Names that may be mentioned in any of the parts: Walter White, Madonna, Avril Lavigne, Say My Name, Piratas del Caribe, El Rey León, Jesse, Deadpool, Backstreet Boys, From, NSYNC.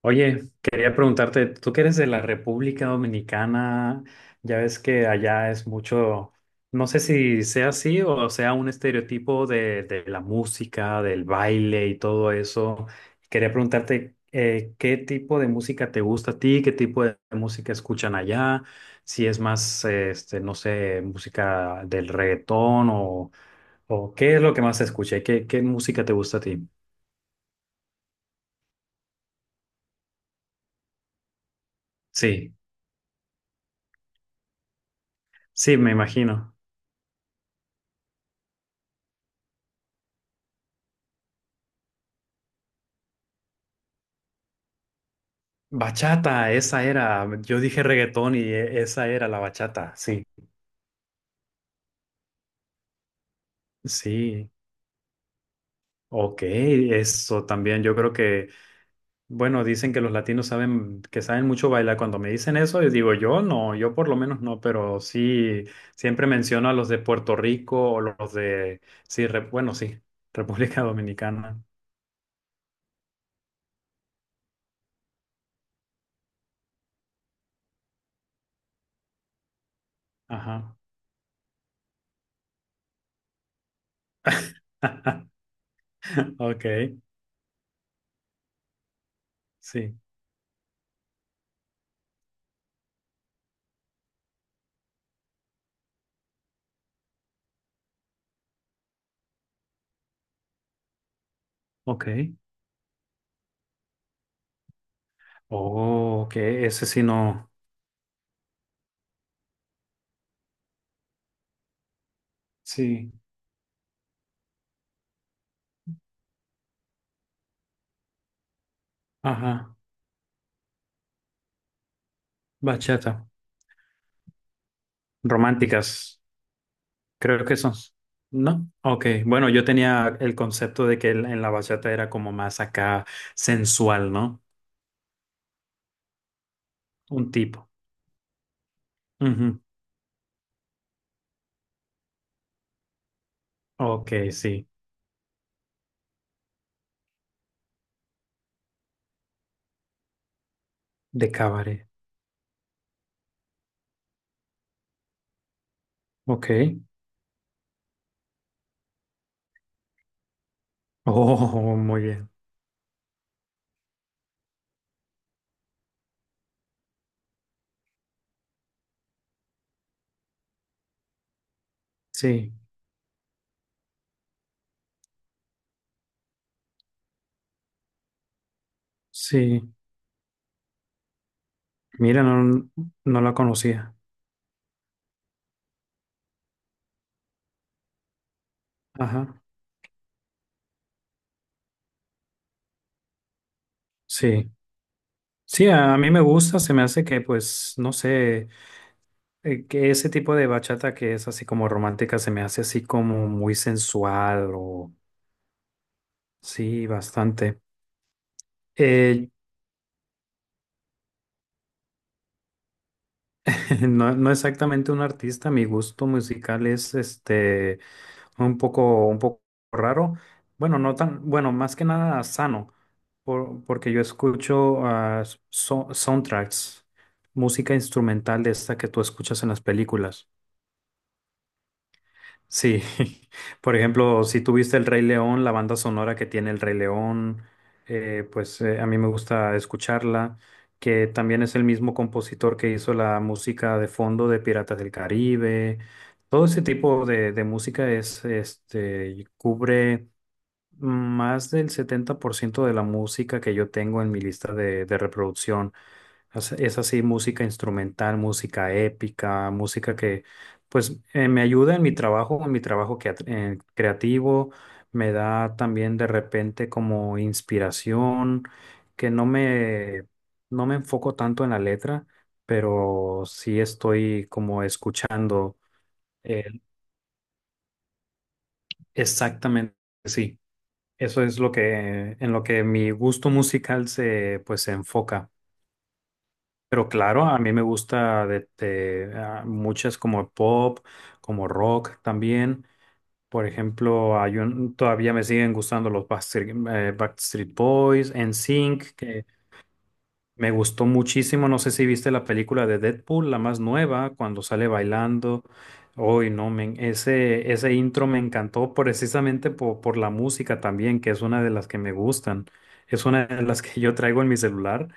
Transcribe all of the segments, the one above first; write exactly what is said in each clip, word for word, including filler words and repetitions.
Oye, quería preguntarte, tú que eres de la República Dominicana, ya ves que allá es mucho, no sé si sea así o sea un estereotipo de, de la música, del baile y todo eso. Quería preguntarte, eh, ¿qué tipo de música te gusta a ti? ¿Qué tipo de música escuchan allá? Si es más, eh, este, no sé, música del reggaetón o, o qué es lo que más se escucha y qué, qué música te gusta a ti. Sí, sí, me imagino. Bachata, esa era. Yo dije reggaetón y e- esa era la bachata, sí. Sí, ok, eso también. Yo creo que, bueno, dicen que los latinos saben, que saben mucho bailar. Cuando me dicen eso, yo digo, yo no, yo por lo menos no, pero sí, siempre menciono a los de Puerto Rico o los de, sí, re- bueno, sí, República Dominicana. Ajá. Ok, sí, ok. Oh, ok, ese sí no. Sí, ajá, bachata. Románticas, creo que son. ¿No? Ok, bueno, yo tenía el concepto de que el- en la bachata era como más acá sensual, ¿no? Un tipo. Ujú. Ok, sí, de cabaret. Ok. Oh, muy bien. Sí, sí. Mira, no, no la conocía. Ajá. Sí. Sí, a mí me gusta, se me hace que, pues, no sé, eh, que ese tipo de bachata que es así como romántica se me hace así como muy sensual o sí, bastante. Eh, no, no exactamente un artista, mi gusto musical es este un poco, un poco raro. Bueno, no tan, bueno, más que nada sano, por- porque yo escucho ah, so- soundtracks, música instrumental de esta que tú escuchas en las películas. Sí, por ejemplo, si tuviste El Rey León, la banda sonora que tiene El Rey León, eh, pues eh, a mí me gusta escucharla, que también es el mismo compositor que hizo la música de fondo de Piratas del Caribe. Todo ese tipo de, de música es, este, y cubre más del setenta por ciento de la música que yo tengo en mi lista de, de reproducción. Es es así, música instrumental, música épica, música que pues eh, me ayuda en mi trabajo, en mi trabajo que, eh, creativo, me da también de repente como inspiración, que no me, no me enfoco tanto en la letra, pero sí estoy como escuchando eh, exactamente, sí, eso es lo que, en lo que mi gusto musical se pues se enfoca. Pero claro, a mí me gusta de, de, ah, muchas como pop, como rock también. Por ejemplo, hay un, todavía me siguen gustando los Backstreet, eh, Backstreet Boys, NSYNC, que me gustó muchísimo, no sé si viste la película de Deadpool, la más nueva, cuando sale bailando. Hoy no, men, ese, ese intro me encantó precisamente por por, la música también, que es una de las que me gustan. Es una de las que yo traigo en mi celular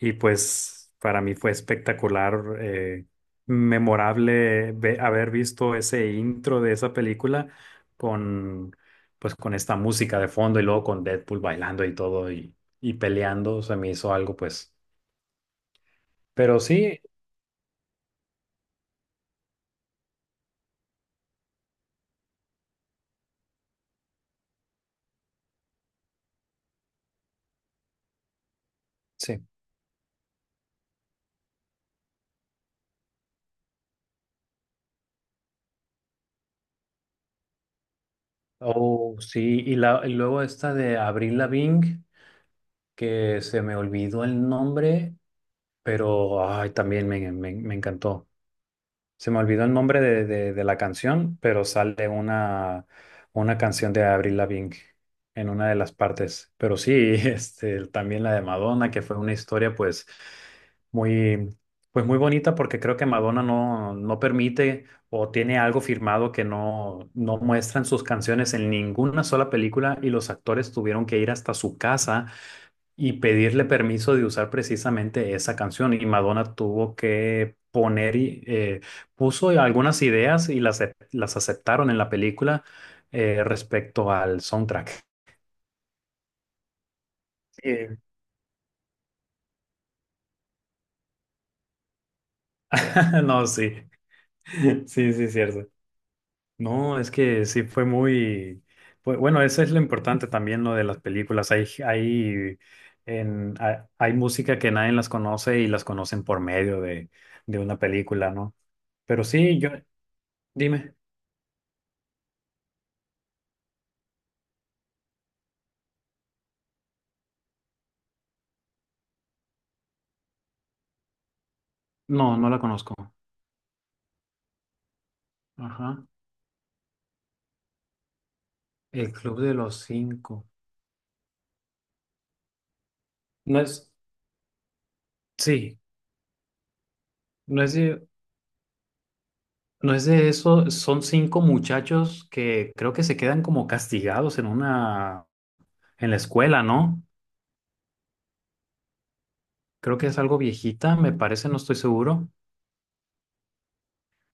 y pues para mí fue espectacular, eh, memorable ve- haber visto ese intro de esa película con, pues, con esta música de fondo y luego con Deadpool bailando y todo y, y peleando. Se me hizo algo pues pero sí, sí. Oh, sí. Y, la, y luego esta de Avril Lavigne, que se me olvidó el nombre, pero ay, también me, me, me encantó. Se me olvidó el nombre de, de- de la canción, pero sale una, una canción de Avril Lavigne en una de las partes. Pero sí, este, también la de Madonna, que fue una historia pues muy, pues muy bonita porque creo que Madonna no, no permite o tiene algo firmado que no, no muestran sus canciones en ninguna sola película y los actores tuvieron que ir hasta su casa y pedirle permiso de usar precisamente esa canción. Y Madonna tuvo que poner y eh, puso algunas ideas y las, ac- las aceptaron en la película eh, respecto al soundtrack. Eh, No, sí, sí, sí, cierto. No, es que sí fue muy, fue- bueno, eso es lo importante también, lo de las películas. Hay, hay, en, ha- hay música que nadie las conoce y las conocen por medio de, de una película, ¿no? Pero sí, yo, dime. No, no la conozco. Ajá. El Club de los Cinco. No es, sí, no es de, no es de eso. Son cinco muchachos que creo que se quedan como castigados en una, en la escuela, ¿no? Creo que es algo viejita, me parece, no estoy seguro.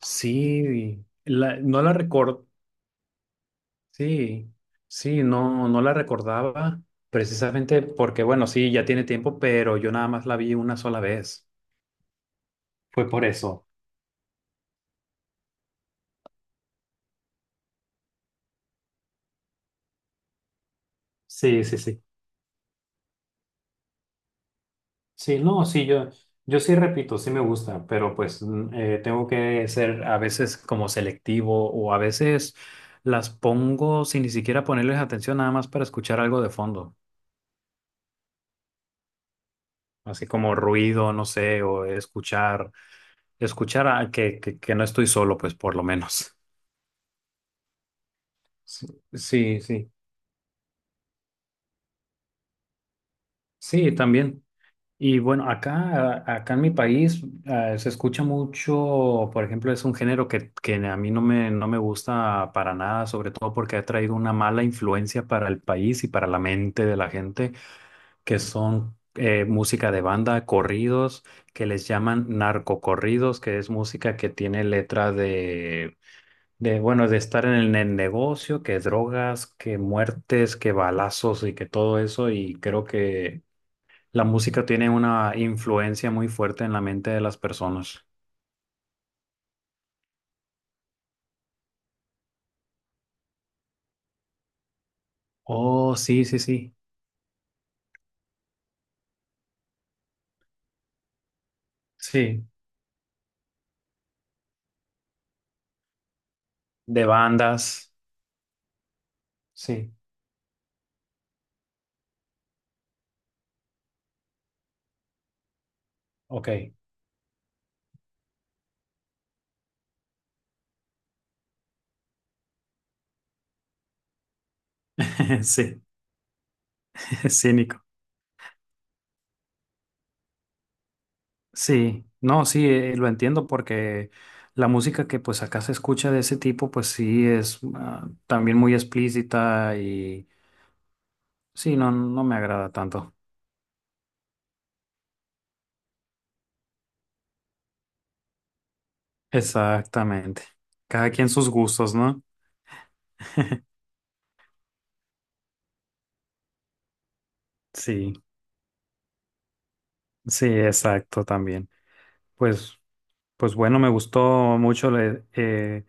Sí, la- no la recuerdo. Sí, sí, no, no la recordaba precisamente porque, bueno, sí, ya tiene tiempo, pero yo nada más la vi una sola vez. Fue por eso. Sí, sí, sí. Sí, no, sí, yo, yo sí repito, sí me gusta, pero pues mm, eh, tengo que ser a veces como selectivo o a veces las pongo sin ni siquiera ponerles atención nada más para escuchar algo de fondo, así como ruido, no sé, o escuchar, escuchar a- que, que, que no estoy solo, pues por lo menos. Sí, sí, sí, sí, también. Y bueno, acá, a- acá en mi país eh, se escucha mucho, por ejemplo, es un género que, que a mí no me, no me gusta para nada, sobre todo porque ha traído una mala influencia para el país y para la mente de la gente, que son eh, música de banda, corridos, que les llaman narcocorridos, que es música que tiene letra de, de bueno, de estar en el, en negocio, que drogas, que muertes, que balazos y que todo eso, y creo que... La música tiene una influencia muy fuerte en la mente de las personas. Oh, sí, sí, sí. Sí. De bandas. Sí. Ok. Sí, cínico. Sí. No, sí, eh, lo entiendo porque la música que pues acá se escucha de ese tipo, pues sí es ah, también muy explícita y sí, no, no me agrada tanto. Exactamente. Cada quien sus gustos, ¿no? Sí, sí, exacto también. Pues. Pues bueno, me gustó mucho le- eh,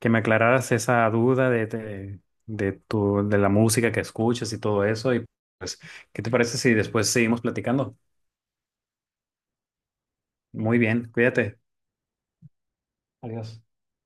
que me aclararas esa duda de, de, de tu, de la música que escuchas y todo eso. Y pues, ¿qué te parece si después seguimos platicando? Muy bien, cuídate. Adiós.